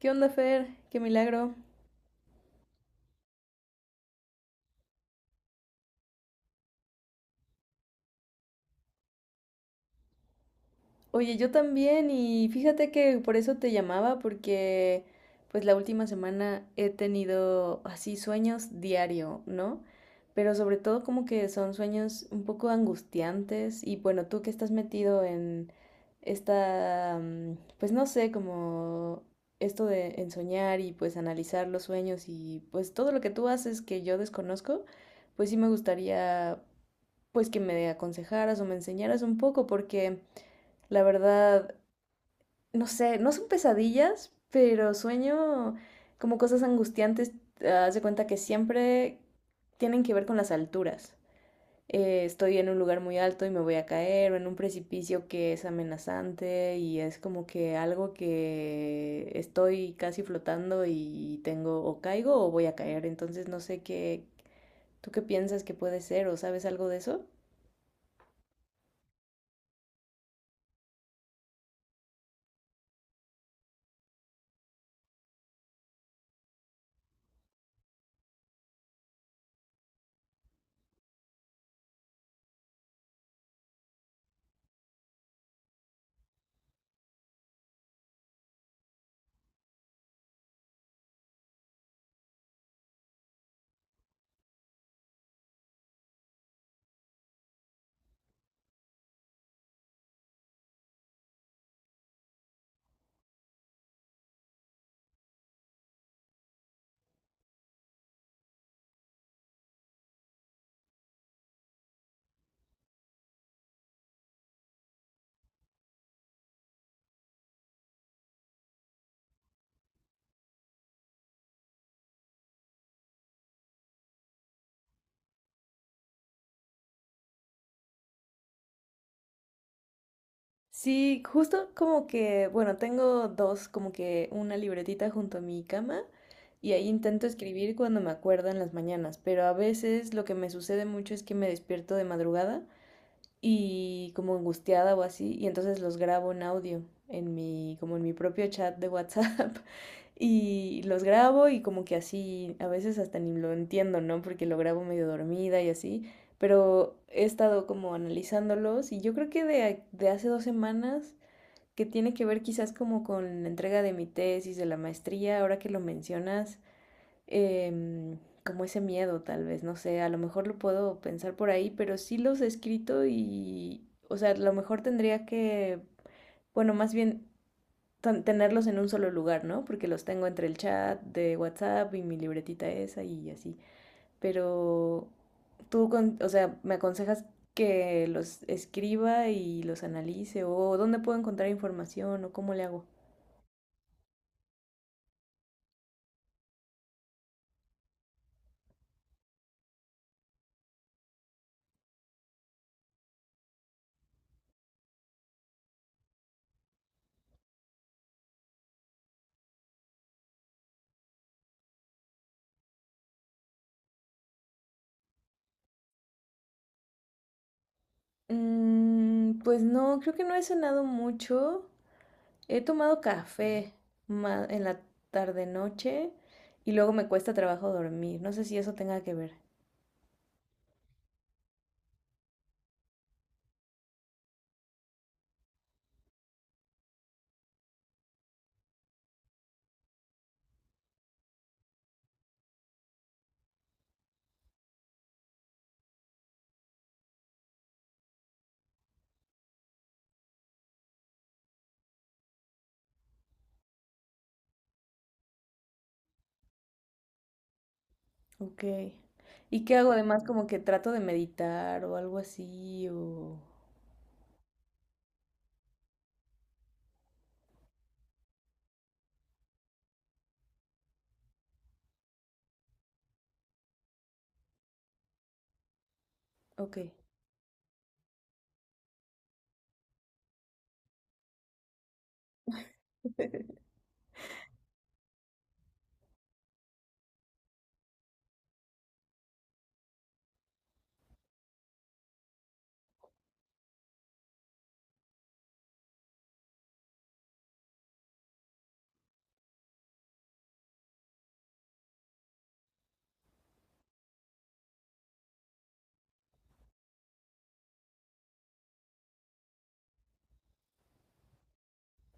¿Qué onda, Fer? Qué milagro. Oye, yo también y fíjate que por eso te llamaba porque pues la última semana he tenido así sueños diario, ¿no? Pero sobre todo como que son sueños un poco angustiantes y bueno, tú que estás metido en esta, pues no sé, como esto de en soñar y pues analizar los sueños y pues todo lo que tú haces que yo desconozco, pues sí me gustaría pues que me aconsejaras o me enseñaras un poco, porque la verdad, no sé, no son pesadillas, pero sueño como cosas angustiantes. Ah, haz de cuenta que siempre tienen que ver con las alturas. Estoy en un lugar muy alto y me voy a caer, o en un precipicio que es amenazante y es como que algo que estoy casi flotando y tengo o caigo o voy a caer. Entonces no sé qué, ¿tú qué piensas que puede ser o sabes algo de eso? Sí, justo como que, bueno, tengo dos, como que una libretita junto a mi cama y ahí intento escribir cuando me acuerdo en las mañanas, pero a veces lo que me sucede mucho es que me despierto de madrugada y como angustiada o así, y entonces los grabo en audio en mi, como en mi propio chat de WhatsApp y los grabo y como que así, a veces hasta ni lo entiendo, ¿no? Porque lo grabo medio dormida y así, pero he estado como analizándolos y yo creo que de hace dos semanas que tiene que ver quizás como con la entrega de mi tesis, de la maestría, ahora que lo mencionas, em, como ese miedo tal vez, no sé, a lo mejor lo puedo pensar por ahí, pero sí los he escrito y, o sea, a lo mejor tendría que, bueno, más bien tenerlos en un solo lugar, ¿no? Porque los tengo entre el chat de WhatsApp y mi libretita esa y así, pero tú, o sea, me aconsejas que los escriba y los analice o dónde puedo encontrar información o cómo le hago. Mm, pues no, creo que no he cenado mucho. He tomado café en la tarde-noche y luego me cuesta trabajo dormir. No sé si eso tenga que ver. Ok. ¿Y qué hago además? Como que trato de meditar o algo así o... Ok.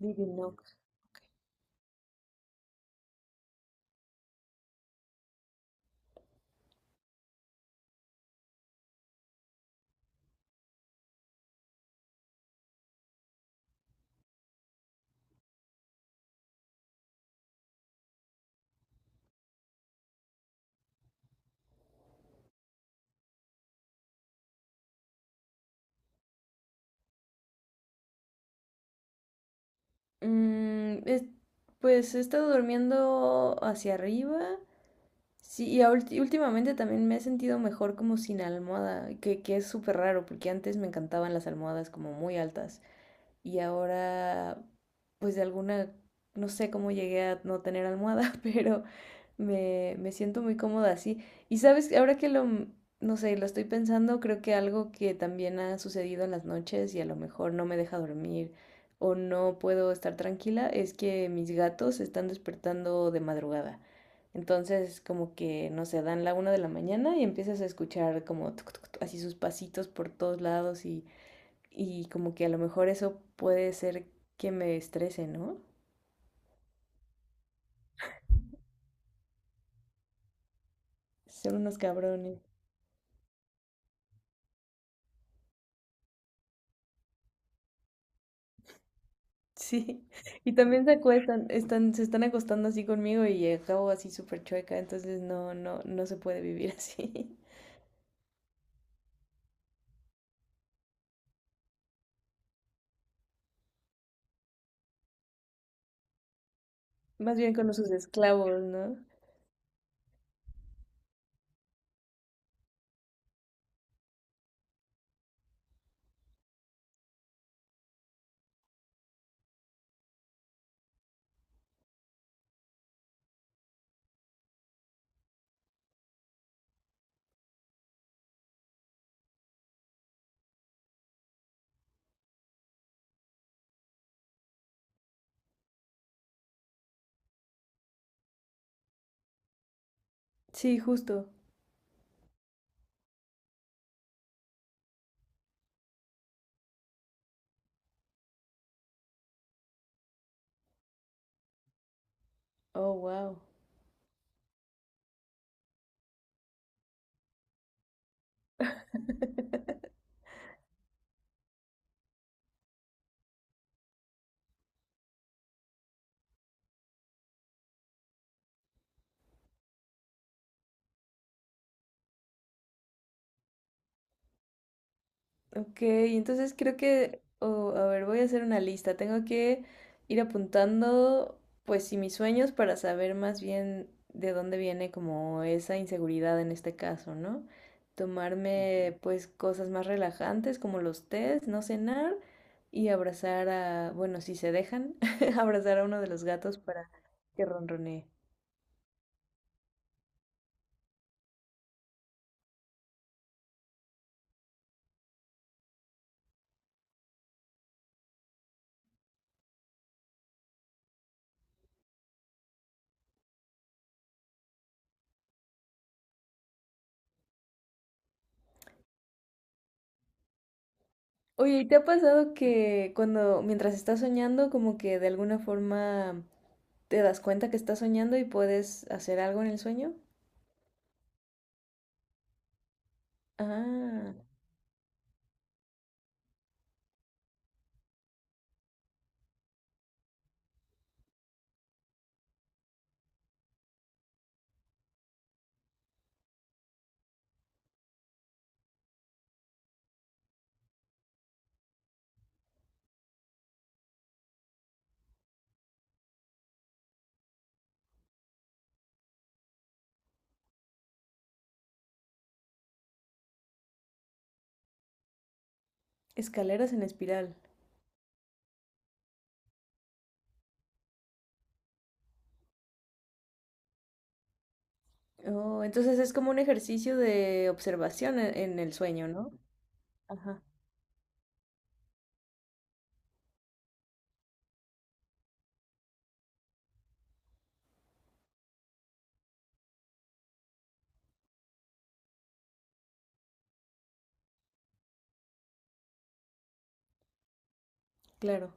Divino. Mm, pues he estado durmiendo hacia arriba. Sí, y últimamente también me he sentido mejor como sin almohada, que es súper raro, porque antes me encantaban las almohadas como muy altas y ahora, pues de alguna, no sé cómo llegué a no tener almohada, pero me siento muy cómoda así. Y sabes, ahora que lo, no sé, lo estoy pensando, creo que algo que también ha sucedido en las noches y a lo mejor no me deja dormir o no puedo estar tranquila es que mis gatos se están despertando de madrugada. Entonces, como que, no sé, dan la una de la mañana y empiezas a escuchar como tuc, tuc, tuc, así sus pasitos por todos lados y como que a lo mejor eso puede ser que me estrese, ¿no? Son unos cabrones. Sí. Y también se acuestan, están, se están acostando así conmigo y acabo así súper chueca, entonces no, no, no se puede vivir así. Más bien con sus esclavos, ¿no? Sí, justo. Oh, wow. Ok, entonces creo que, oh, a ver, voy a hacer una lista. Tengo que ir apuntando, pues sí, mis sueños para saber más bien de dónde viene como esa inseguridad en este caso, ¿no? Tomarme pues cosas más relajantes como los tés, no cenar y abrazar a, bueno, si se dejan, abrazar a uno de los gatos para que ronronee. Oye, ¿y te ha pasado que cuando, mientras estás soñando, como que de alguna forma te das cuenta que estás soñando y puedes hacer algo en el sueño? Ah, escaleras en espiral. Oh, entonces es como un ejercicio de observación en el sueño, ¿no? Ajá, claro.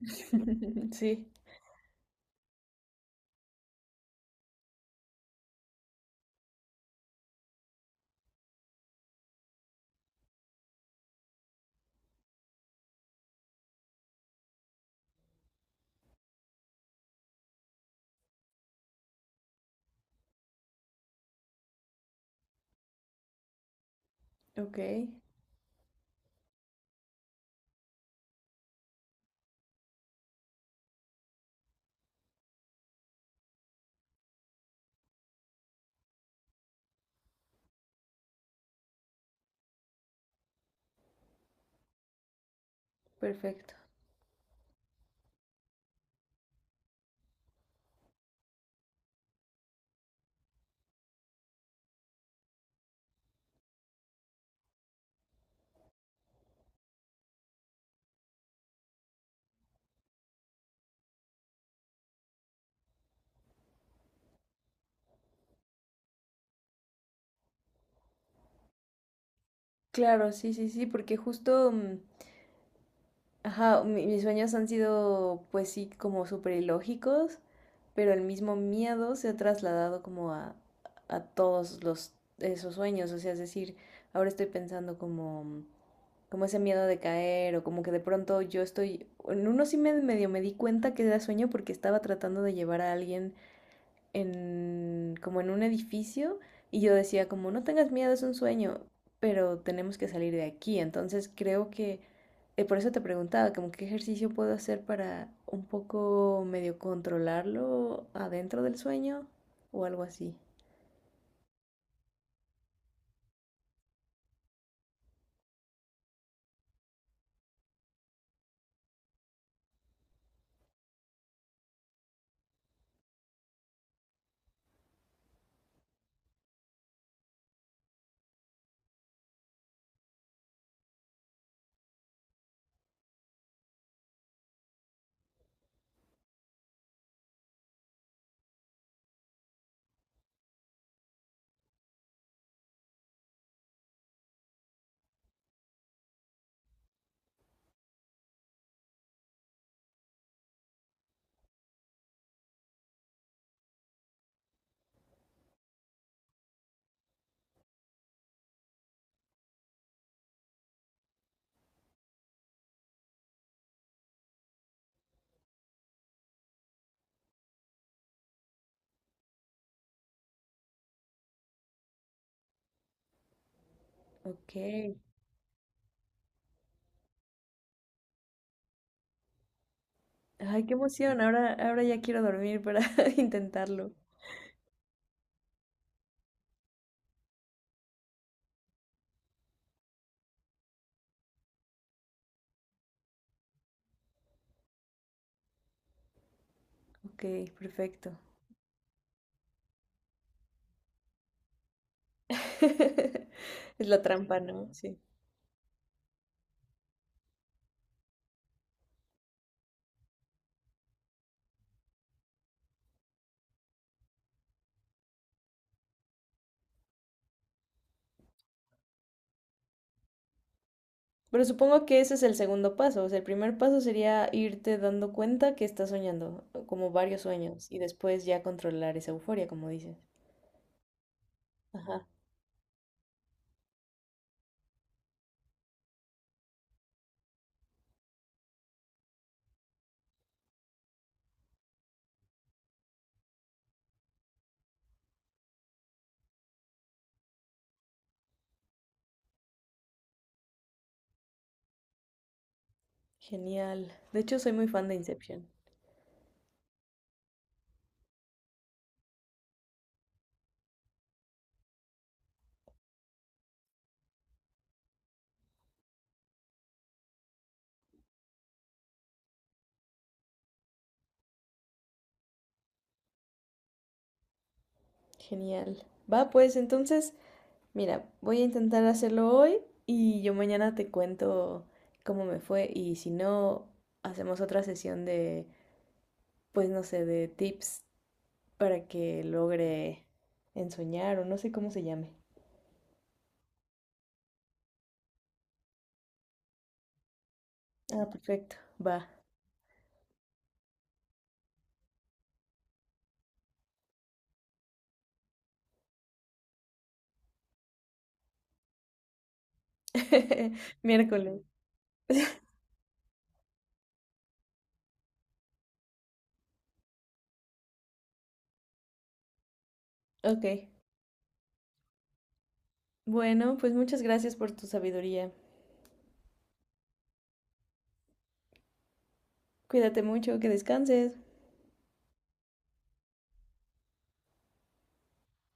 Sí, ok, perfecto. Claro, sí, sí, sí, porque justo mm, ajá, mis sueños han sido, pues sí, como súper ilógicos, pero el mismo miedo se ha trasladado como a todos los, esos sueños. O sea, es decir, ahora estoy pensando como, como ese miedo de caer o como que de pronto yo estoy, en uno sí me medio me di cuenta que era sueño porque estaba tratando de llevar a alguien en, como en un edificio y yo decía como, no tengas miedo, es un sueño, pero tenemos que salir de aquí. Entonces creo que por eso te preguntaba, como qué ejercicio puedo hacer para un poco medio controlarlo adentro del sueño o algo así. Ok. Ay, qué emoción. Ahora, ahora ya quiero dormir para intentarlo. Ok, perfecto. Es la trampa, ¿no? Sí. Pero supongo que ese es el segundo paso. O sea, el primer paso sería irte dando cuenta que estás soñando, como varios sueños, y después ya controlar esa euforia, como dices. Ajá. Genial. De hecho, soy muy fan de Inception. Genial. Va, pues entonces, mira, voy a intentar hacerlo hoy y yo mañana te cuento cómo me fue y si no, hacemos otra sesión de, pues no sé, de tips para que logre ensoñar o no sé cómo se llame. Ah, perfecto. Va. Miércoles. Ok. Bueno, pues muchas gracias por tu sabiduría. Cuídate mucho, que descanses.